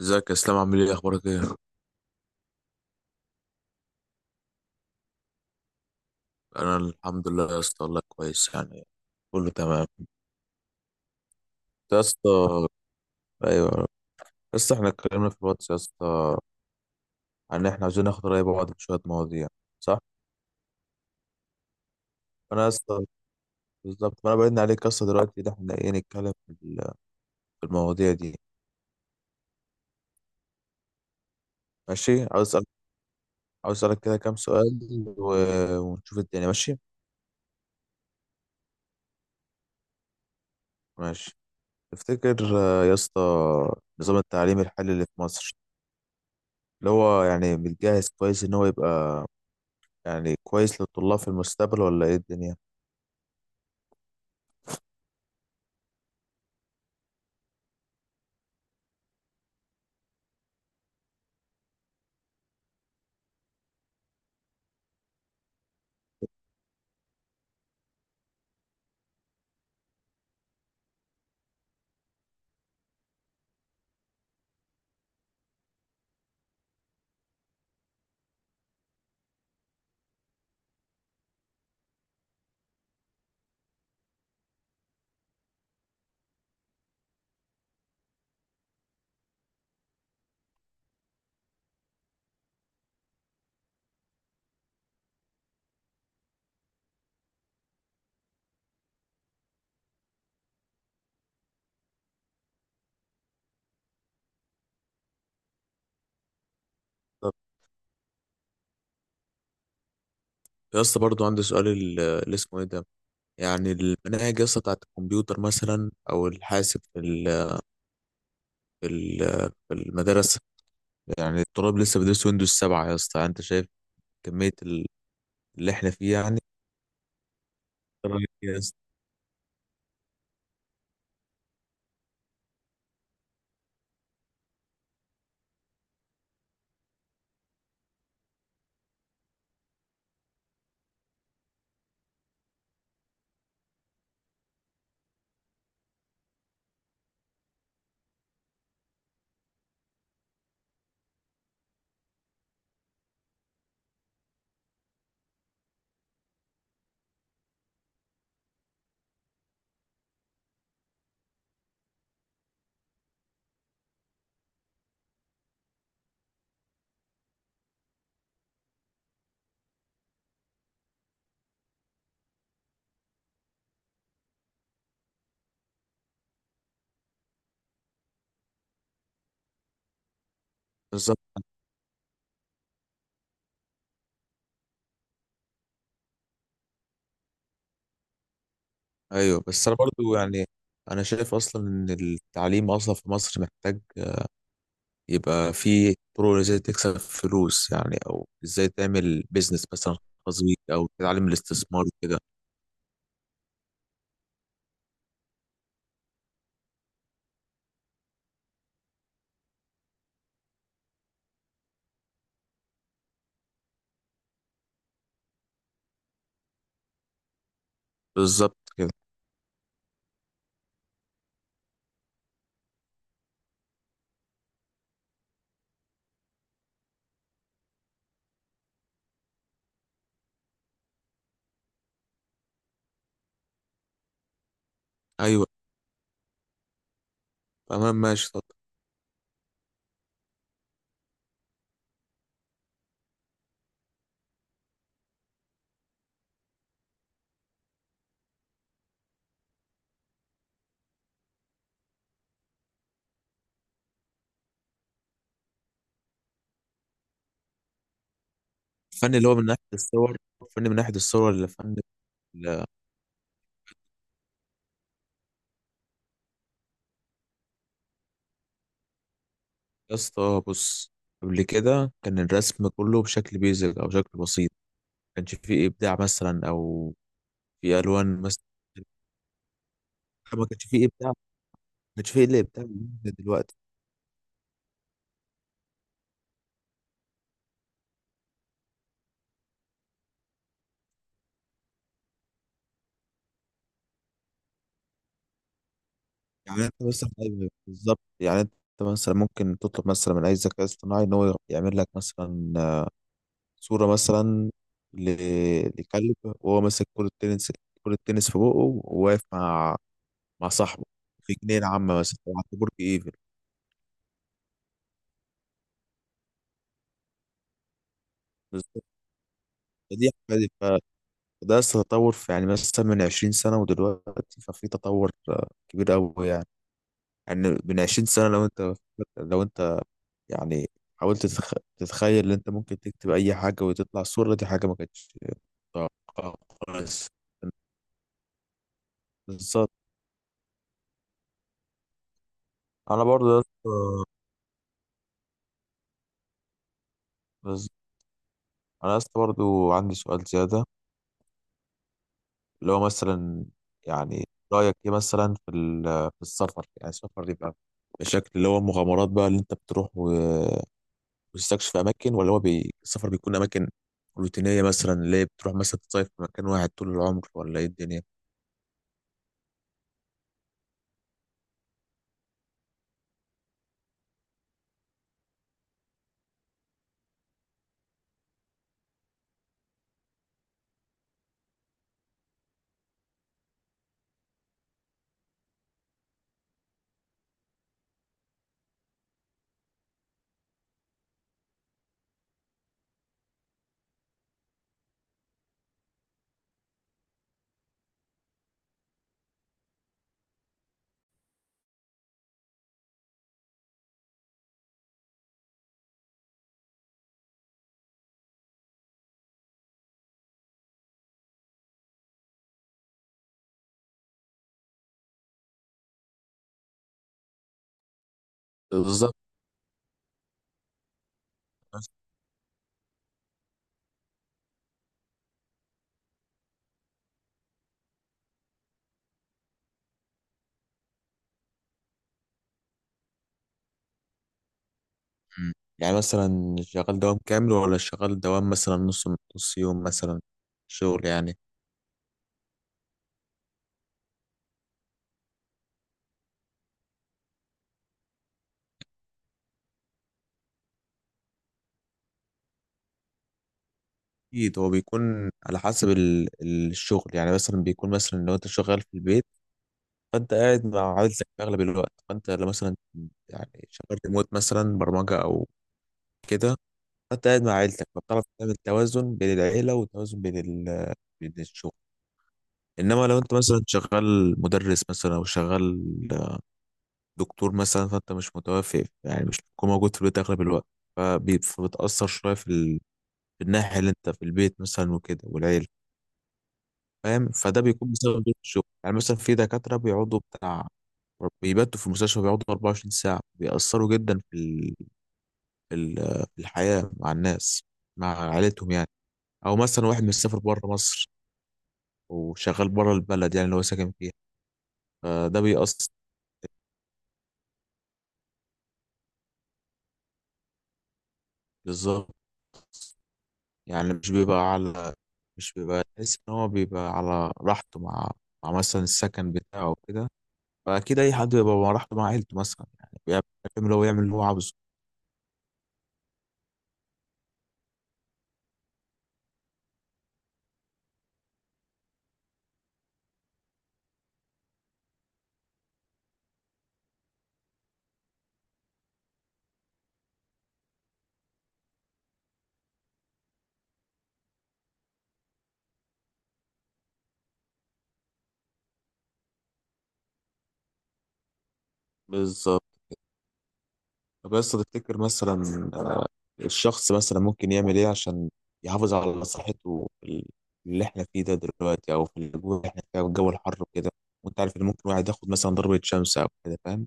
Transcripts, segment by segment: ازيك يا اسلام؟ عامل ايه؟ اخبارك ايه؟ انا الحمد لله يا اسطى والله كويس يعني. كله تمام. يا اسطى ايوه يا اسطى، احنا اتكلمنا في الواتس يا اسطى، عن ان احنا عاوزين ناخد رأي بعض في شويه مواضيع، صح. فانا يا اسطى بالظبط، فانا بعدنا عليك يا اسطى دلوقتي ده، احنا ايه، نتكلم في المواضيع دي. ماشي، عاوز اسالك، عاوز اسالك كده كام سؤال، ونشوف الدنيا ماشي. ماشي، تفتكر يا اسطى نظام التعليم الحالي اللي في مصر، اللي هو يعني متجهز كويس ان هو يبقى يعني كويس للطلاب في المستقبل، ولا ايه الدنيا؟ طب يا اسطى برضو عندي سؤال، اللي اسمه ايه ده، يعني المناهج يا اسطى بتاعت الكمبيوتر مثلا، او الحاسب في المدرسه، يعني الطلاب لسه بيدرسوا ويندوز 7 يا اسطى، انت شايف كميه اللي احنا فيه يعني؟ طبعاً يا اسطى. بالظبط. ايوه بس انا برضو يعني، انا شايف اصلا ان التعليم اصلا في مصر محتاج يبقى في طرق ازاي تكسب فلوس يعني، او ازاي تعمل بيزنس مثلا خاص بيك، او تتعلم الاستثمار كده. بالظبط كده. ايوه تمام ماشي. طب الفن اللي هو من ناحيه الصور، الفن من ناحيه الصور اللي فن ال- يا اسطى بص، قبل كده كان الرسم كله بشكل بيزك او شكل بسيط، ما كانش فيه ابداع مثلا، او في الوان مثلا، ما كانش فيه ابداع، ما كانش فيه الا ابداع دلوقتي. يعني انت مثلا، ايوه بالظبط، يعني انت مثلا ممكن تطلب مثلا من اي ذكاء اصطناعي ان هو يعمل لك مثلا صوره مثلا، لكلب وهو ماسك كرة تنس، كرة تنس في بقه، وواقف مع مع صاحبه في جنينة عامة مثلا، أو عند برج ايفل. بالظبط. فدي حاجة- ف- فده لسه تطور في يعني مثلا من 20 سنة ودلوقتي، ففي تطور كبير قوي يعني. يعني من 20 سنة، لو انت لو انت يعني تتخيل ان انت ممكن تكتب اي حاجه وتطلع الصوره، دي حاجه ما كانتش متوقعة خالص. بالظبط. انا برضو يا اسطى- بز- انا لسه برضو عندي سؤال زياده، اللي هو مثلا يعني رايك ايه مثلا في السفر، يعني السفر يبقى بشكل اللي هو مغامرات بقى، اللي انت بتروح وتستكشف اماكن، السفر بيكون اماكن روتينيه مثلا، اللي هي بتروح مثلا تصيف في مكان واحد طول العمر، ولا ايه الدنيا؟ بالظبط. مم. يعني مثلا شغال دوام كامل، ولا شغال دوام مثلا نص، نص يوم مثلا، شغل يعني. اكيد هو بيكون على حسب الشغل، يعني مثلا بيكون مثلا لو انت شغال في البيت، فانت قاعد مع عائلتك في اغلب الوقت، فانت لو مثلا يعني شغال ريموت مثلا، برمجة او كده، فانت قاعد مع عائلتك فبتعرف تعمل توازن بين العيلة، وتوازن بين ال- بين الشغل. انما لو انت مثلا شغال مدرس مثلا، او شغال دكتور مثلا، فانت مش متوافق، يعني مش بتكون موجود في البيت اغلب الوقت، فبتأثر شوية في الناحية اللي انت في البيت مثلا وكده والعيلة، فاهم. فده بيكون بسبب ضغط الشغل، يعني مثلا في دكاترة بيقعدوا بتاع، بيباتوا في المستشفى، بيقعدوا 24 ساعة، بيأثروا جدا في ال... في الحياة مع الناس، مع عائلتهم يعني. أو مثلا واحد مسافر بره مصر، وشغال بره البلد يعني اللي هو ساكن فيها، فده بيأثر. بالظبط. يعني مش بيبقى على مش بيبقى تحس ان هو بيبقى على راحته مع مع مثلا السكن بتاعه وكده. فاكيد اي حد بيبقى على راحته مع عيلته مثلا، يعني بيعمل اللي هو يعمل اللي هو عاوزه. بالظبط. طب بس تفتكر مثلا، آه، الشخص مثلا ممكن يعمل ايه عشان يحافظ على صحته في اللي احنا فيه ده دلوقتي، او في الجو اللي احنا فيه، أو الجو الحر وكده، وانت عارف ان ممكن واحد ياخد مثلا ضربة شمس او كده، فاهم.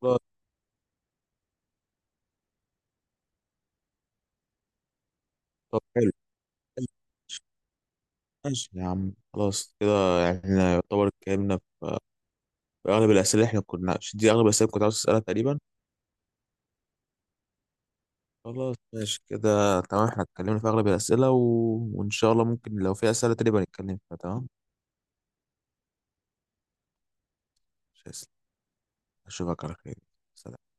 خلاص، طب حلو، حلو، ماشي يا عم، خلاص كده، يعني احنا يعتبر اتكلمنا اغلب الاسئله اللي احنا كنا، دي اغلب الاسئله اللي كنت عاوز اسالها تقريبا. خلاص ماشي كده تمام، احنا اتكلمنا في اغلب الاسئله، وان شاء الله ممكن لو في اسئله تانية بقى نتكلم فيها. تمام ماشي، اشوفك على خير. سلام.